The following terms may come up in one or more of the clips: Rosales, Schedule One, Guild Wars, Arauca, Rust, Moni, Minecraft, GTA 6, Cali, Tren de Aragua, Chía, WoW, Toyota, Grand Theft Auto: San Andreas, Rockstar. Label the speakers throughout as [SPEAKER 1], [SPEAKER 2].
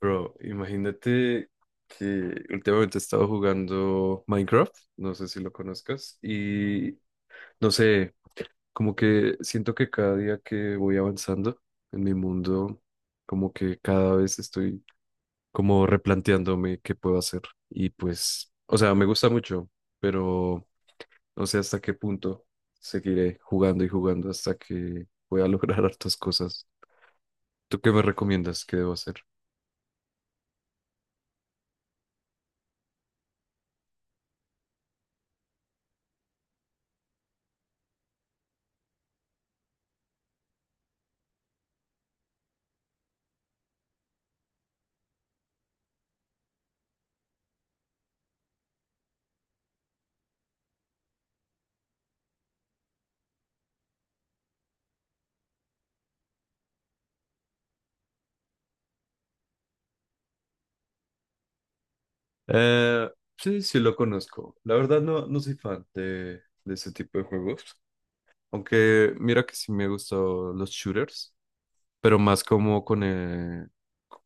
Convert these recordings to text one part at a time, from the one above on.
[SPEAKER 1] Bro, imagínate que últimamente he estado jugando Minecraft, no sé si lo conozcas, y no sé, como que siento que cada día que voy avanzando en mi mundo, como que cada vez estoy como replanteándome qué puedo hacer. Y pues, o sea, me gusta mucho, pero no sé hasta qué punto seguiré jugando y jugando hasta que pueda lograr hartas cosas. ¿Tú qué me recomiendas que debo hacer? Eh, sí, sí lo conozco. La verdad no, no soy fan de ese tipo de juegos. Aunque mira que sí me gustan los shooters, pero más como con,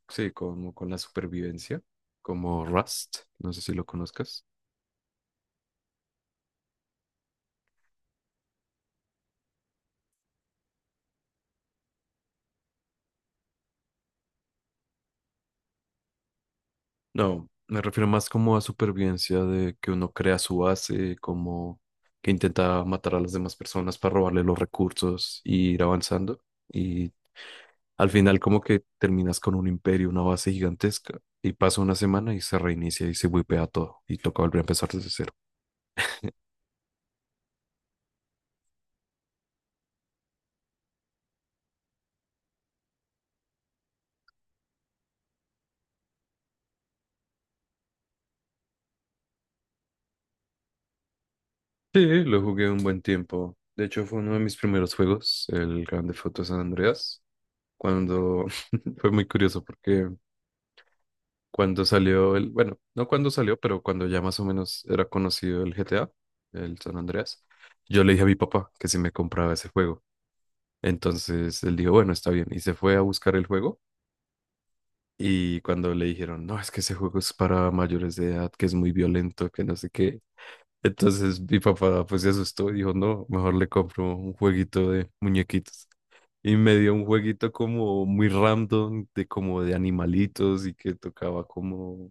[SPEAKER 1] sí, como con la supervivencia, como Rust, no sé si lo conozcas. No, me refiero más como a supervivencia de que uno crea su base, como que intenta matar a las demás personas para robarle los recursos y ir avanzando. Y al final como que terminas con un imperio, una base gigantesca, y pasa una semana y se reinicia y se wipea todo y toca volver a empezar desde cero. Sí, lo jugué un buen tiempo. De hecho, fue uno de mis primeros juegos, el Grande Foto San Andreas, cuando fue muy curioso porque... Cuando salió el, bueno, no cuando salió, pero cuando ya más o menos era conocido el GTA, el San Andreas, yo le dije a mi papá que si me compraba ese juego. Entonces él dijo, bueno, está bien, y se fue a buscar el juego. Y cuando le dijeron, no, es que ese juego es para mayores de edad, que es muy violento, que no sé qué. Entonces mi papá pues se asustó y dijo, no, mejor le compro un jueguito de muñequitos. Y me dio un jueguito como muy random, de como de animalitos y que tocaba como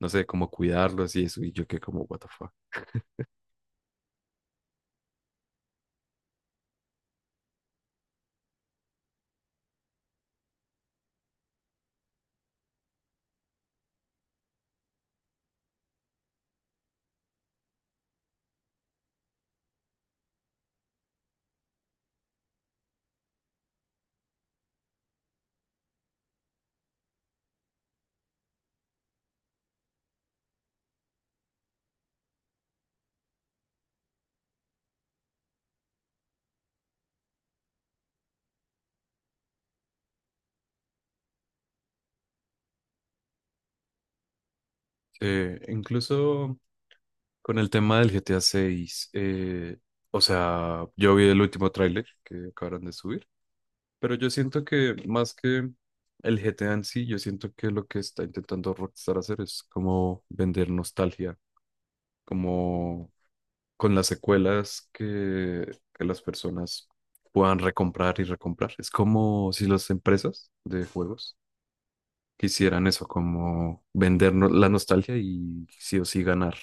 [SPEAKER 1] no sé, como cuidarlos y eso, y yo que como, what the fuck. Incluso con el tema del GTA 6, o sea, yo vi el último tráiler que acabaron de subir, pero yo siento que más que el GTA en sí, yo siento que lo que está intentando Rockstar hacer es como vender nostalgia, como con las secuelas que las personas puedan recomprar y recomprar. Es como si las empresas de juegos que hicieran eso, como vendernos la nostalgia y sí o sí ganar.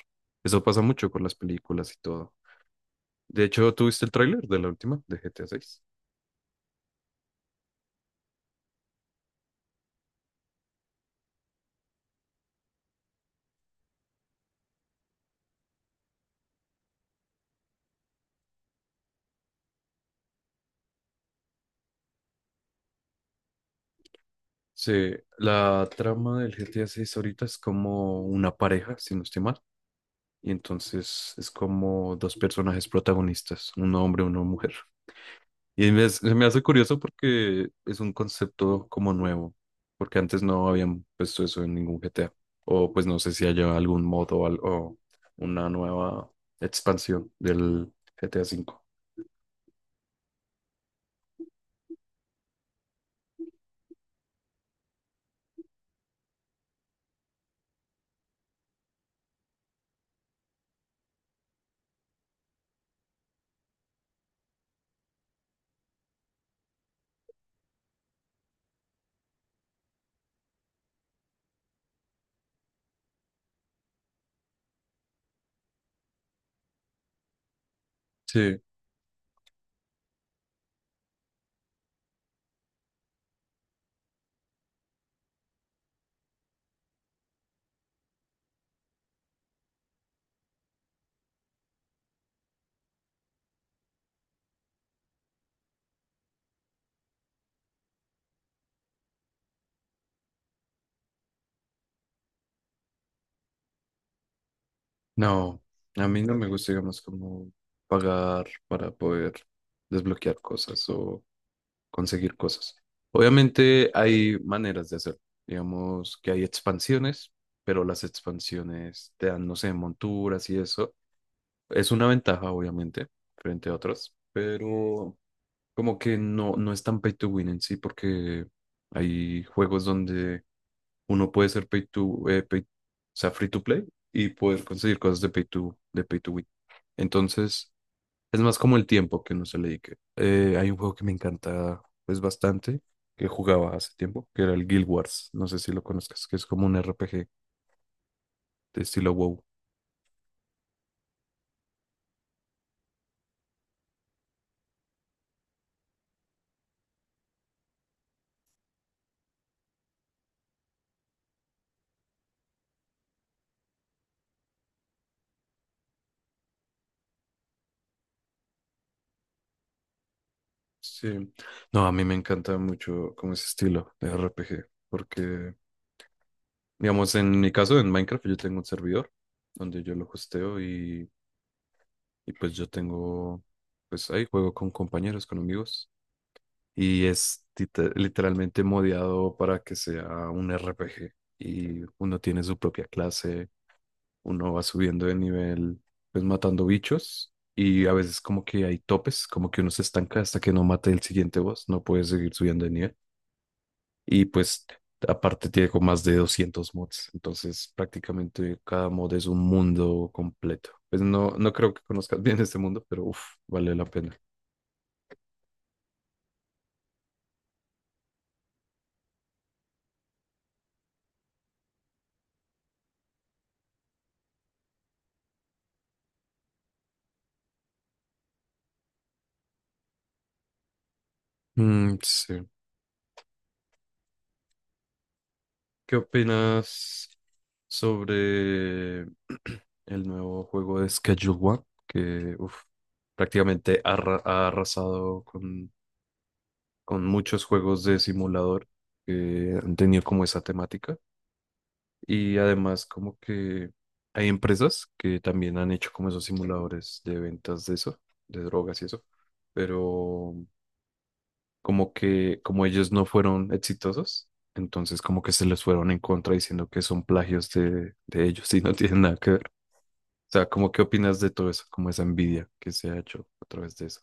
[SPEAKER 1] Eso pasa mucho con las películas y todo. De hecho, ¿tuviste el tráiler de la última, de GTA 6? Sí, la trama del GTA 6 ahorita es como una pareja, si no estoy mal. Y entonces es como dos personajes protagonistas, un hombre y una mujer. Y se me hace curioso porque es un concepto como nuevo, porque antes no habían puesto eso en ningún GTA. O pues no sé si haya algún modo o, o una nueva expansión del GTA V. Sí. No, a mí no me gusta, digamos, como pagar para poder desbloquear cosas o conseguir cosas. Obviamente hay maneras de hacerlo. Digamos que hay expansiones, pero las expansiones te dan, no sé, monturas y eso. Es una ventaja, obviamente, frente a otras, pero como que no, no es tan pay to win en sí, porque hay juegos donde uno puede ser o sea, free to play y poder conseguir cosas de pay to win. Entonces, es más como el tiempo que uno se le dedique. Hay un juego que me encanta, pues bastante, que jugaba hace tiempo, que era el Guild Wars. No sé si lo conozcas, que es como un RPG de estilo WoW. Sí. No, a mí me encanta mucho como ese estilo de RPG, porque, digamos, en mi caso, en Minecraft, yo tengo un servidor donde yo lo hosteo. Y pues yo tengo, pues ahí juego con compañeros, con amigos. Y es literalmente modeado para que sea un RPG. Y uno tiene su propia clase, uno va subiendo de nivel, pues matando bichos. Y a veces como que hay topes, como que uno se estanca hasta que no mate el siguiente boss, no puede seguir subiendo de nivel. Y pues aparte tiene como más de 200 mods, entonces prácticamente cada mod es un mundo completo. Pues no, no creo que conozcas bien este mundo, pero uff, vale la pena. Mm, sí. ¿Qué opinas sobre el nuevo juego de Schedule One? Que uf, prácticamente ha arrasado con muchos juegos de simulador que han tenido como esa temática. Y además como que hay empresas que también han hecho como esos simuladores de ventas de eso, de drogas y eso. Pero como que como ellos no fueron exitosos, entonces como que se les fueron en contra diciendo que son plagios de ellos y no tienen nada que ver. O sea, ¿cómo qué opinas de todo eso? Como esa envidia que se ha hecho a través de eso.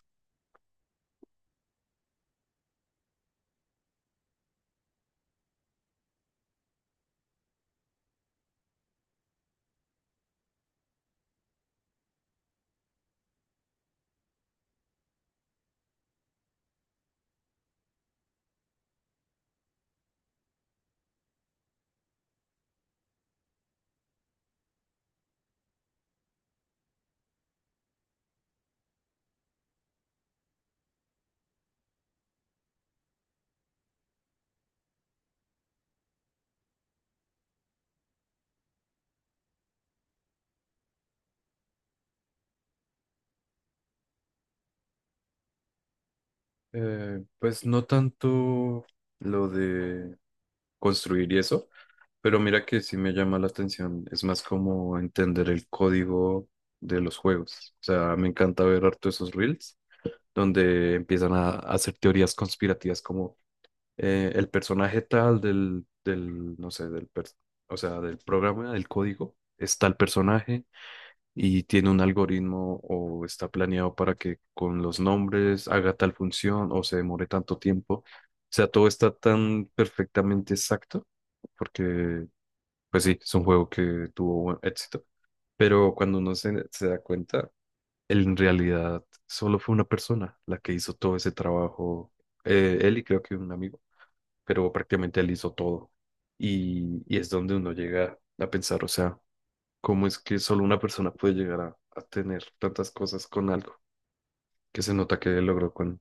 [SPEAKER 1] Pues no tanto lo de construir y eso, pero mira que sí me llama la atención. Es más como entender el código de los juegos. O sea, me encanta ver harto esos reels donde empiezan a hacer teorías conspirativas como el personaje tal no sé, o sea, del programa, del código, está el personaje y tiene un algoritmo o está planeado para que con los nombres haga tal función o se demore tanto tiempo. O sea, todo está tan perfectamente exacto porque, pues sí, es un juego que tuvo buen éxito. Pero cuando uno se da cuenta, en realidad solo fue una persona la que hizo todo ese trabajo. Él y creo que un amigo, pero prácticamente él hizo todo. Y es donde uno llega a pensar, o sea, ¿cómo es que solo una persona puede llegar a tener tantas cosas con algo que se nota que logró con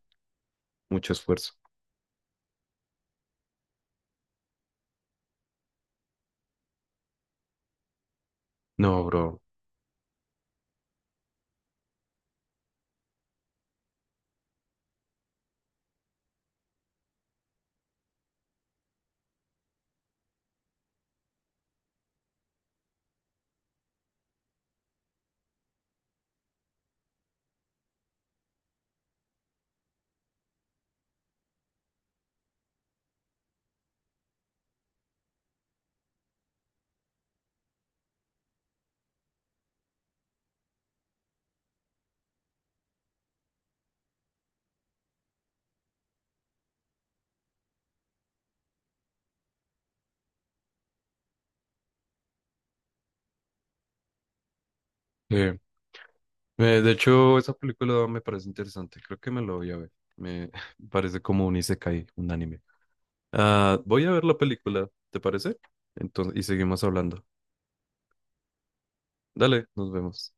[SPEAKER 1] mucho esfuerzo? No, bro. Eh, de hecho, esa película me parece interesante. Creo que me la voy a ver. Me parece como un isekai, un anime. Ah, voy a ver la película, ¿te parece? Entonces, y seguimos hablando. Dale, nos vemos.